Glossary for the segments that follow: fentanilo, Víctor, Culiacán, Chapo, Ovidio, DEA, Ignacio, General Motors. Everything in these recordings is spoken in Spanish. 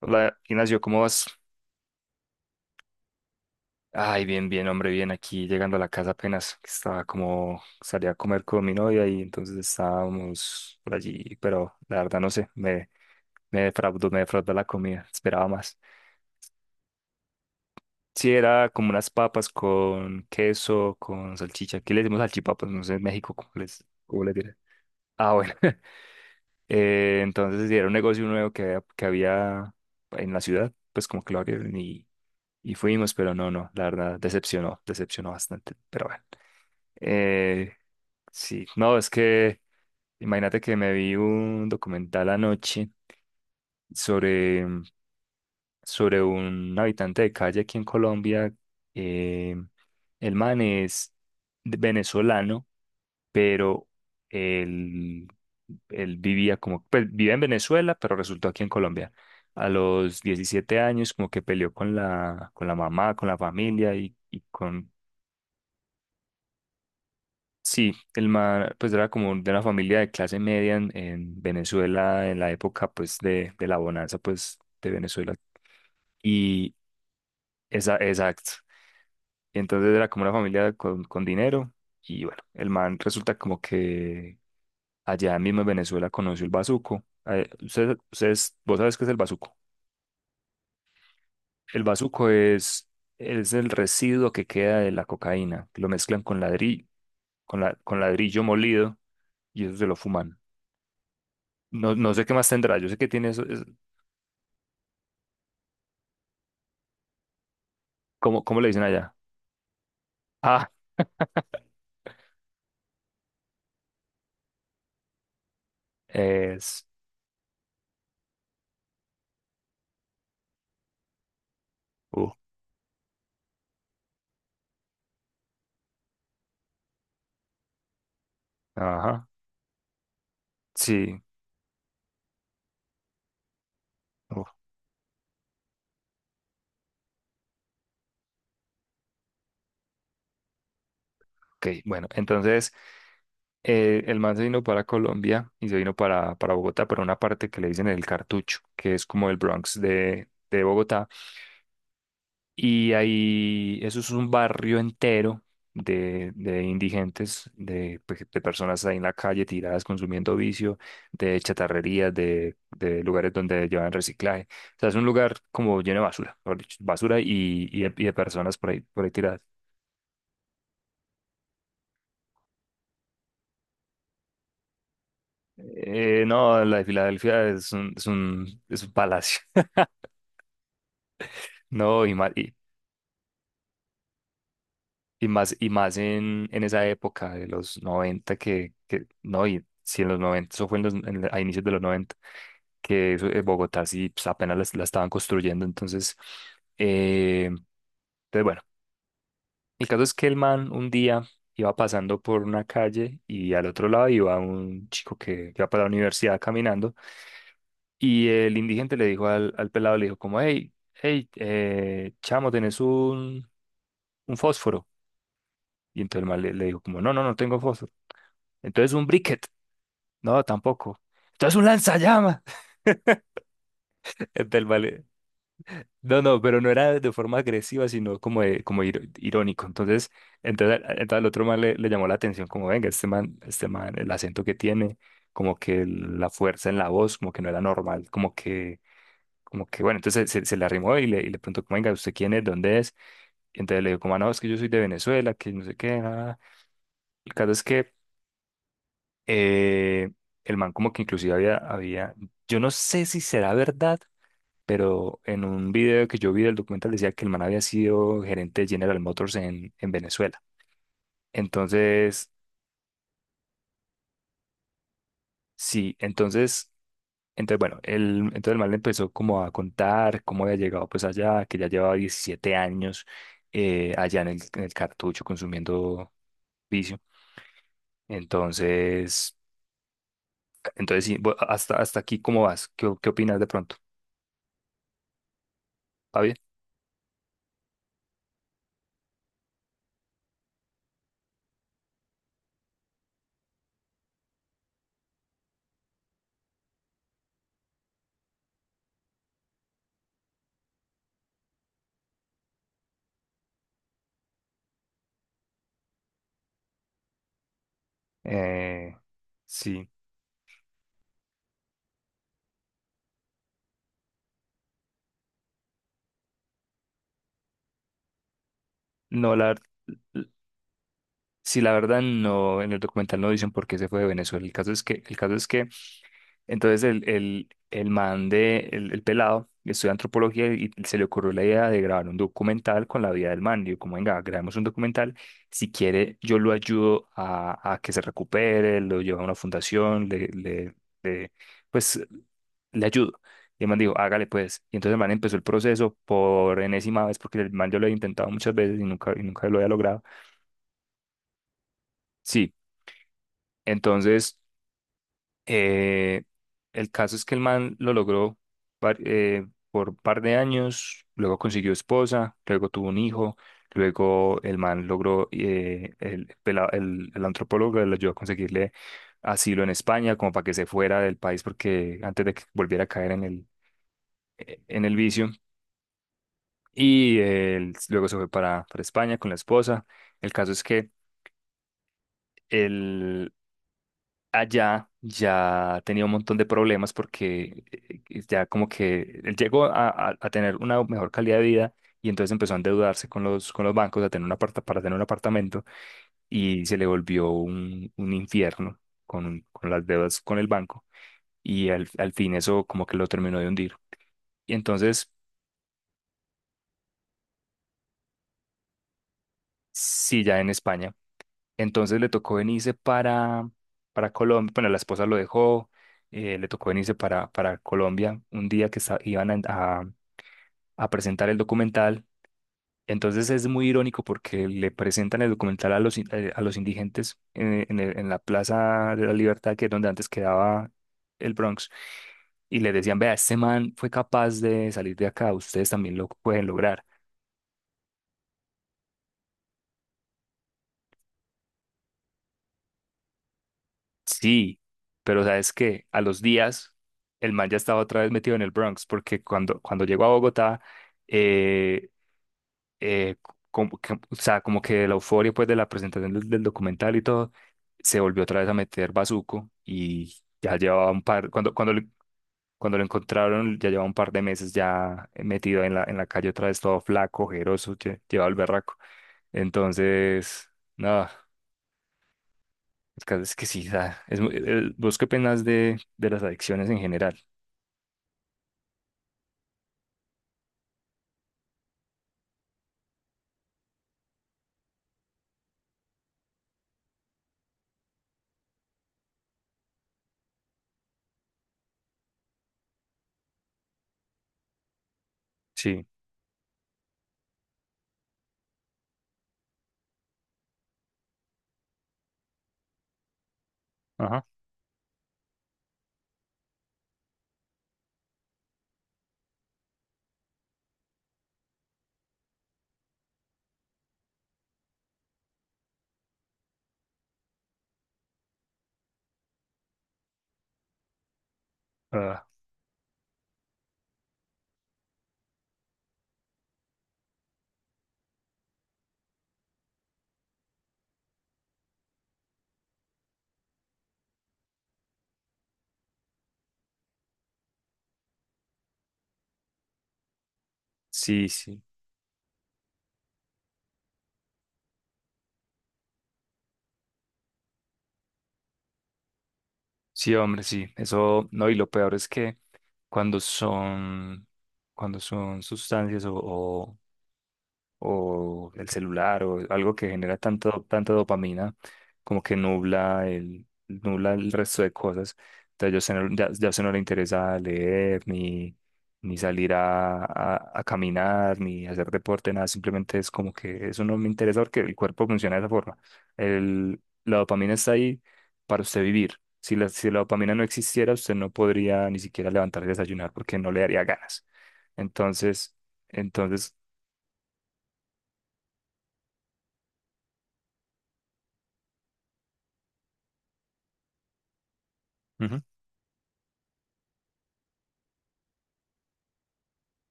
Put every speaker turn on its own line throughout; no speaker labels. Hola, Ignacio, ¿cómo vas? Ay, bien, bien, hombre, bien. Aquí llegando a la casa apenas, que estaba como, salí a comer con mi novia y entonces estábamos por allí, pero la verdad no sé, me defraudó la comida, esperaba más. Sí, era como unas papas con queso, con salchicha. Aquí le decimos salchipapas, no sé en México cómo les diré. Ah, bueno. Entonces sí, era un negocio nuevo que había en la ciudad, pues como que lo abrieron y fuimos, pero no, no, la verdad, decepcionó, decepcionó bastante. Pero bueno, eh, sí, no, es que imagínate que me vi un documental anoche sobre, sobre un habitante de calle aquí en Colombia. eh, el man es venezolano, pero él, él vivía como, pues vive en Venezuela, pero resultó aquí en Colombia. A los 17 años como que peleó con la mamá, con la familia y con sí, el man pues era como de una familia de clase media en Venezuela en la época pues de la bonanza pues de Venezuela y exacto. Y entonces era como una familia con dinero y bueno, el man resulta como que allá mismo en Venezuela conoció el bazuco. Ustedes- vos sabes qué es el bazuco. El bazuco es el residuo que queda de la cocaína, lo mezclan con ladrillo, con la, con ladrillo molido y eso se lo fuman. No, no sé qué más tendrá. Yo sé que tiene eso. Es- ¿cómo, cómo le dicen allá? Ah, es. Uh, ajá. Sí. Uh, ok. Bueno, entonces el man se vino para Colombia y se vino para Bogotá, para una parte que le dicen el Cartucho, que es como el Bronx de Bogotá. Y ahí, eso es un barrio entero de indigentes, de, pe- de personas ahí en la calle tiradas consumiendo vicio, de chatarrerías, de lugares donde llevan reciclaje. O sea, es un lugar como lleno de basura, mejor dicho, basura y de personas por ahí tiradas. No, la de Filadelfia es un, es un, es un palacio, ¿no? Y más en esa época de los 90 que no, y si en los 90 eso fue en los, en- a inicios de los 90 que eso, Bogotá sí pues, apenas la, la estaban construyendo, entonces, eh, entonces, bueno, el caso es que el man un día iba pasando por una calle y al otro lado iba un chico que iba para la universidad caminando y el indigente le dijo al, al pelado, le dijo como, hey, hey, chamo, ¿tenés un fósforo? Y entonces el man le, le dijo como, no, no, no tengo fósforo. Entonces un briquet, no, tampoco. Entonces un lanzallamas. Entonces el man le- No, no, pero no era de forma agresiva, sino como, de- como ir- irónico. Entonces, entonces, a- entonces al otro man le, le llamó la atención, como, venga, este man, el acento que tiene, como que el- la fuerza en la voz, como que no era normal, como que, bueno, entonces se le arrimó y le preguntó, como, venga, ¿usted quién es? ¿Dónde es? Y entonces le dijo, como, "Ah, no, es que yo soy de Venezuela, que no sé qué, nada. El caso es que eh, el man como que inclusive había, había, yo no sé si será verdad, pero en un video que yo vi del documental decía que el man había sido gerente de General Motors en Venezuela. Entonces, sí, entonces, entonces bueno, el, entonces el man le empezó como a contar cómo había llegado pues allá, que ya llevaba 17 allá en el cartucho consumiendo vicio. Entonces, entonces sí, bu- hasta, hasta aquí, ¿cómo vas? ¿Qué, qué opinas de pronto? ¿Está bien? Eh, sí, no, la... Sí, la verdad no, en el documental no dicen por qué se fue de Venezuela. El caso es que, el caso es que entonces el man de, el pelado, estudia antropología y se le ocurrió la idea de grabar un documental con la vida del man. Digo, como venga, grabemos un documental. Si quiere, yo lo ayudo a que se recupere, lo llevo a una fundación, le- pues le ayudo. Y el man dijo, hágale pues. Y entonces el man empezó el proceso por enésima vez, porque el man yo lo había intentado muchas veces y nunca lo había logrado. Sí, entonces. Eh, el caso es que el man lo logró par- eh, por un par de años, luego consiguió esposa, luego tuvo un hijo, luego el man logró, el, pela- el antropólogo le ayudó a conseguirle asilo en España, como para que se fuera del país, porque antes de que volviera a caer en el vicio. Y él luego se fue para España con la esposa. El caso es que allá ya tenía un montón de problemas porque ya como que él llegó a tener una mejor calidad de vida y entonces empezó a endeudarse con los bancos a tener un aparta- para tener un apartamento y se le volvió un infierno con las deudas con el banco y al, al fin eso como que lo terminó de hundir. Y entonces, sí, ya en España. Entonces le tocó venirse para Colombia, bueno, la esposa lo dejó le tocó venirse para Colombia un día que sa- iban a presentar el documental. Entonces es muy irónico porque le presentan el documental a los, in- a los indigentes en el- en la Plaza de la Libertad, que es donde antes quedaba el Bronx, y les decían, vea, este man fue capaz de salir de acá, ustedes también lo pueden lograr. Sí, pero sabes que a los días el man ya estaba otra vez metido en el Bronx, porque cuando, cuando llegó a Bogotá, eh, eh, como que- o sea, como que de la euforia pues de la presentación del, del documental y todo, se volvió otra vez a meter Bazuco y ya llevaba un par, cuando, cuando lo encontraron ya llevaba un par de meses ya metido en la calle otra vez todo flaco, ojeroso, lle- llevaba el berraco. Entonces, nada, el caso es que sí, da, es, muy- el- ¿vos qué penas de las adicciones en general? Sí, ajá, ah, sí, sí. Sí, hombre, sí. Eso, no, y lo peor es que cuando son, cuando son sustancias o el celular o algo que genera tanto, tanta dopamina como que nubla el resto de cosas. Entonces yo se no- ya, ya se no le interesa leer ni, ni salir a caminar ni hacer deporte, nada, simplemente es como que eso no me interesa porque el cuerpo funciona de esa forma. El, la dopamina está ahí para usted vivir. Si la, si la dopamina no existiera, usted no podría ni siquiera levantar y desayunar porque no le daría ganas. Entonces, entonces, ujú.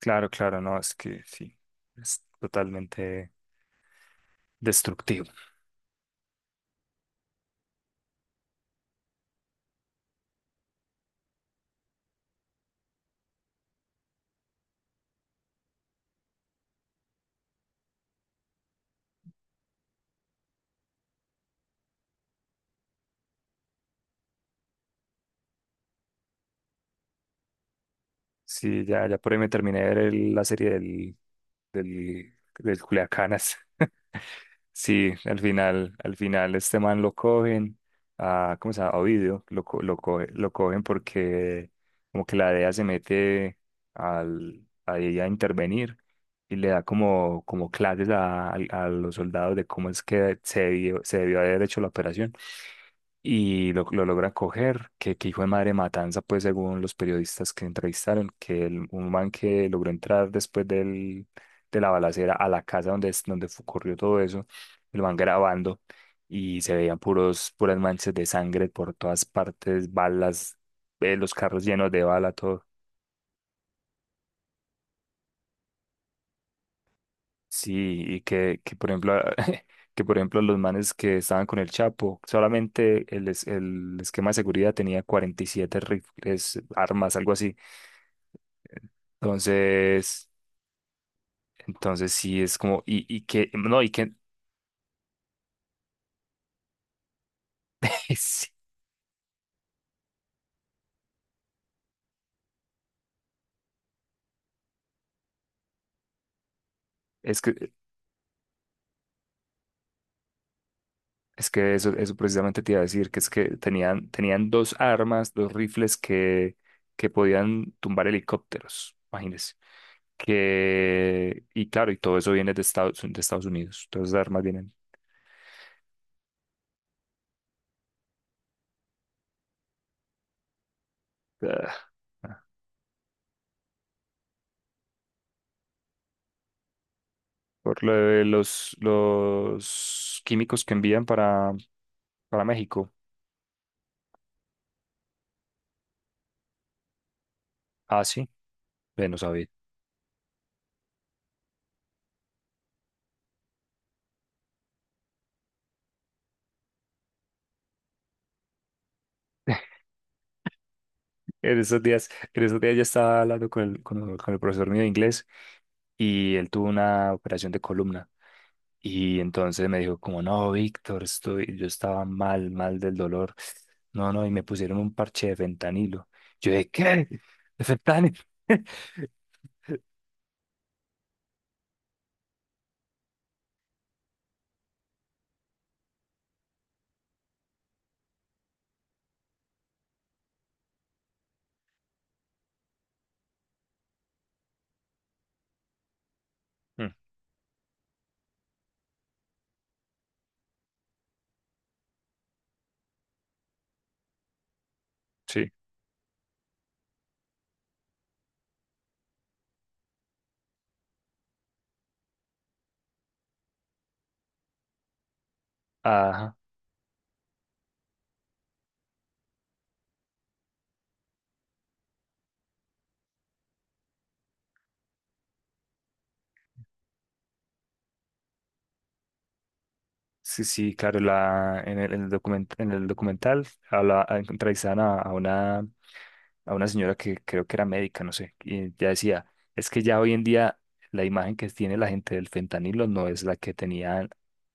Claro, claro, no, es que sí, es totalmente destructivo. Sí, ya, ya por ahí me terminé de ver el- la serie del, del, del Culiacanas. Sí, al final este man lo cogen, a, ¿cómo se llama? A Ovidio, lo, co- lo, coge- lo cogen porque como que la DEA se mete al, a ella a intervenir y le da como, como clases a los soldados de cómo es que se debió haber hecho la operación. Y lo logra coger, que hijo de madre matanza, pues según los periodistas que entrevistaron, que el, un man que logró entrar después del, de la balacera a la casa donde, es- donde fu- ocurrió todo eso, lo van grabando y se veían puros, puras manchas de sangre por todas partes, balas, los carros llenos de bala, todo. Sí, y que por ejemplo, que por ejemplo los manes que estaban con el Chapo, solamente el, es- el esquema de seguridad tenía 47 rifles, armas, algo así. Entonces, entonces sí es como, y que, no, y que, sí, es que, es que eso precisamente te iba a decir, que es que tenían, tenían dos armas, dos rifles que podían tumbar helicópteros, imagínense. Que, y claro, y todo eso viene de Estados Unidos, todas esas armas vienen. Ah, ah, por lo de los químicos que envían para México. Ah, sí, ve, no sabía. En esos días yo estaba hablando con el, con, el- con el profesor mío de inglés y él tuvo una operación de columna. Y entonces me dijo como, no, Víctor, estoy, yo estaba mal, mal del dolor. No, no, y me pusieron un parche de fentanilo. Yo dije, ¿qué? ¿De fentanilo? Mm, sí, ajá. Sí, sí, claro, la, en el document- en el documental habla, entrevistan a una señora que creo que era médica, no sé, y ya decía, es que ya hoy en día la imagen que tiene la gente del fentanilo no es la que tenía,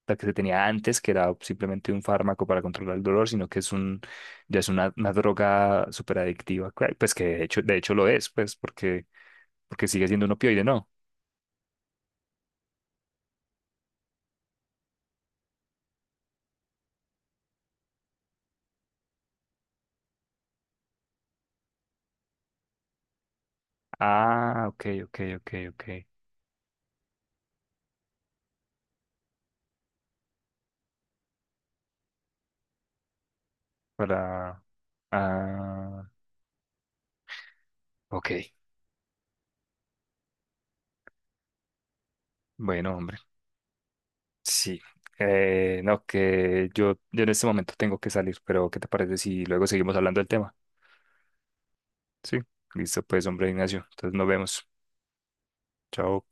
la que se tenía antes, que era simplemente un fármaco para controlar el dolor, sino que es un, ya es una droga súper adictiva, cua- pues que de hecho lo es, pues porque, porque sigue siendo un opioide, ¿no? Ah, ok, ok, ok, ok. Para, ah, ok. Bueno, hombre. Sí, no, que yo en este momento tengo que salir, pero ¿qué te parece si luego seguimos hablando del tema? Sí, listo, pues, hombre Ignacio, entonces nos vemos. Chao.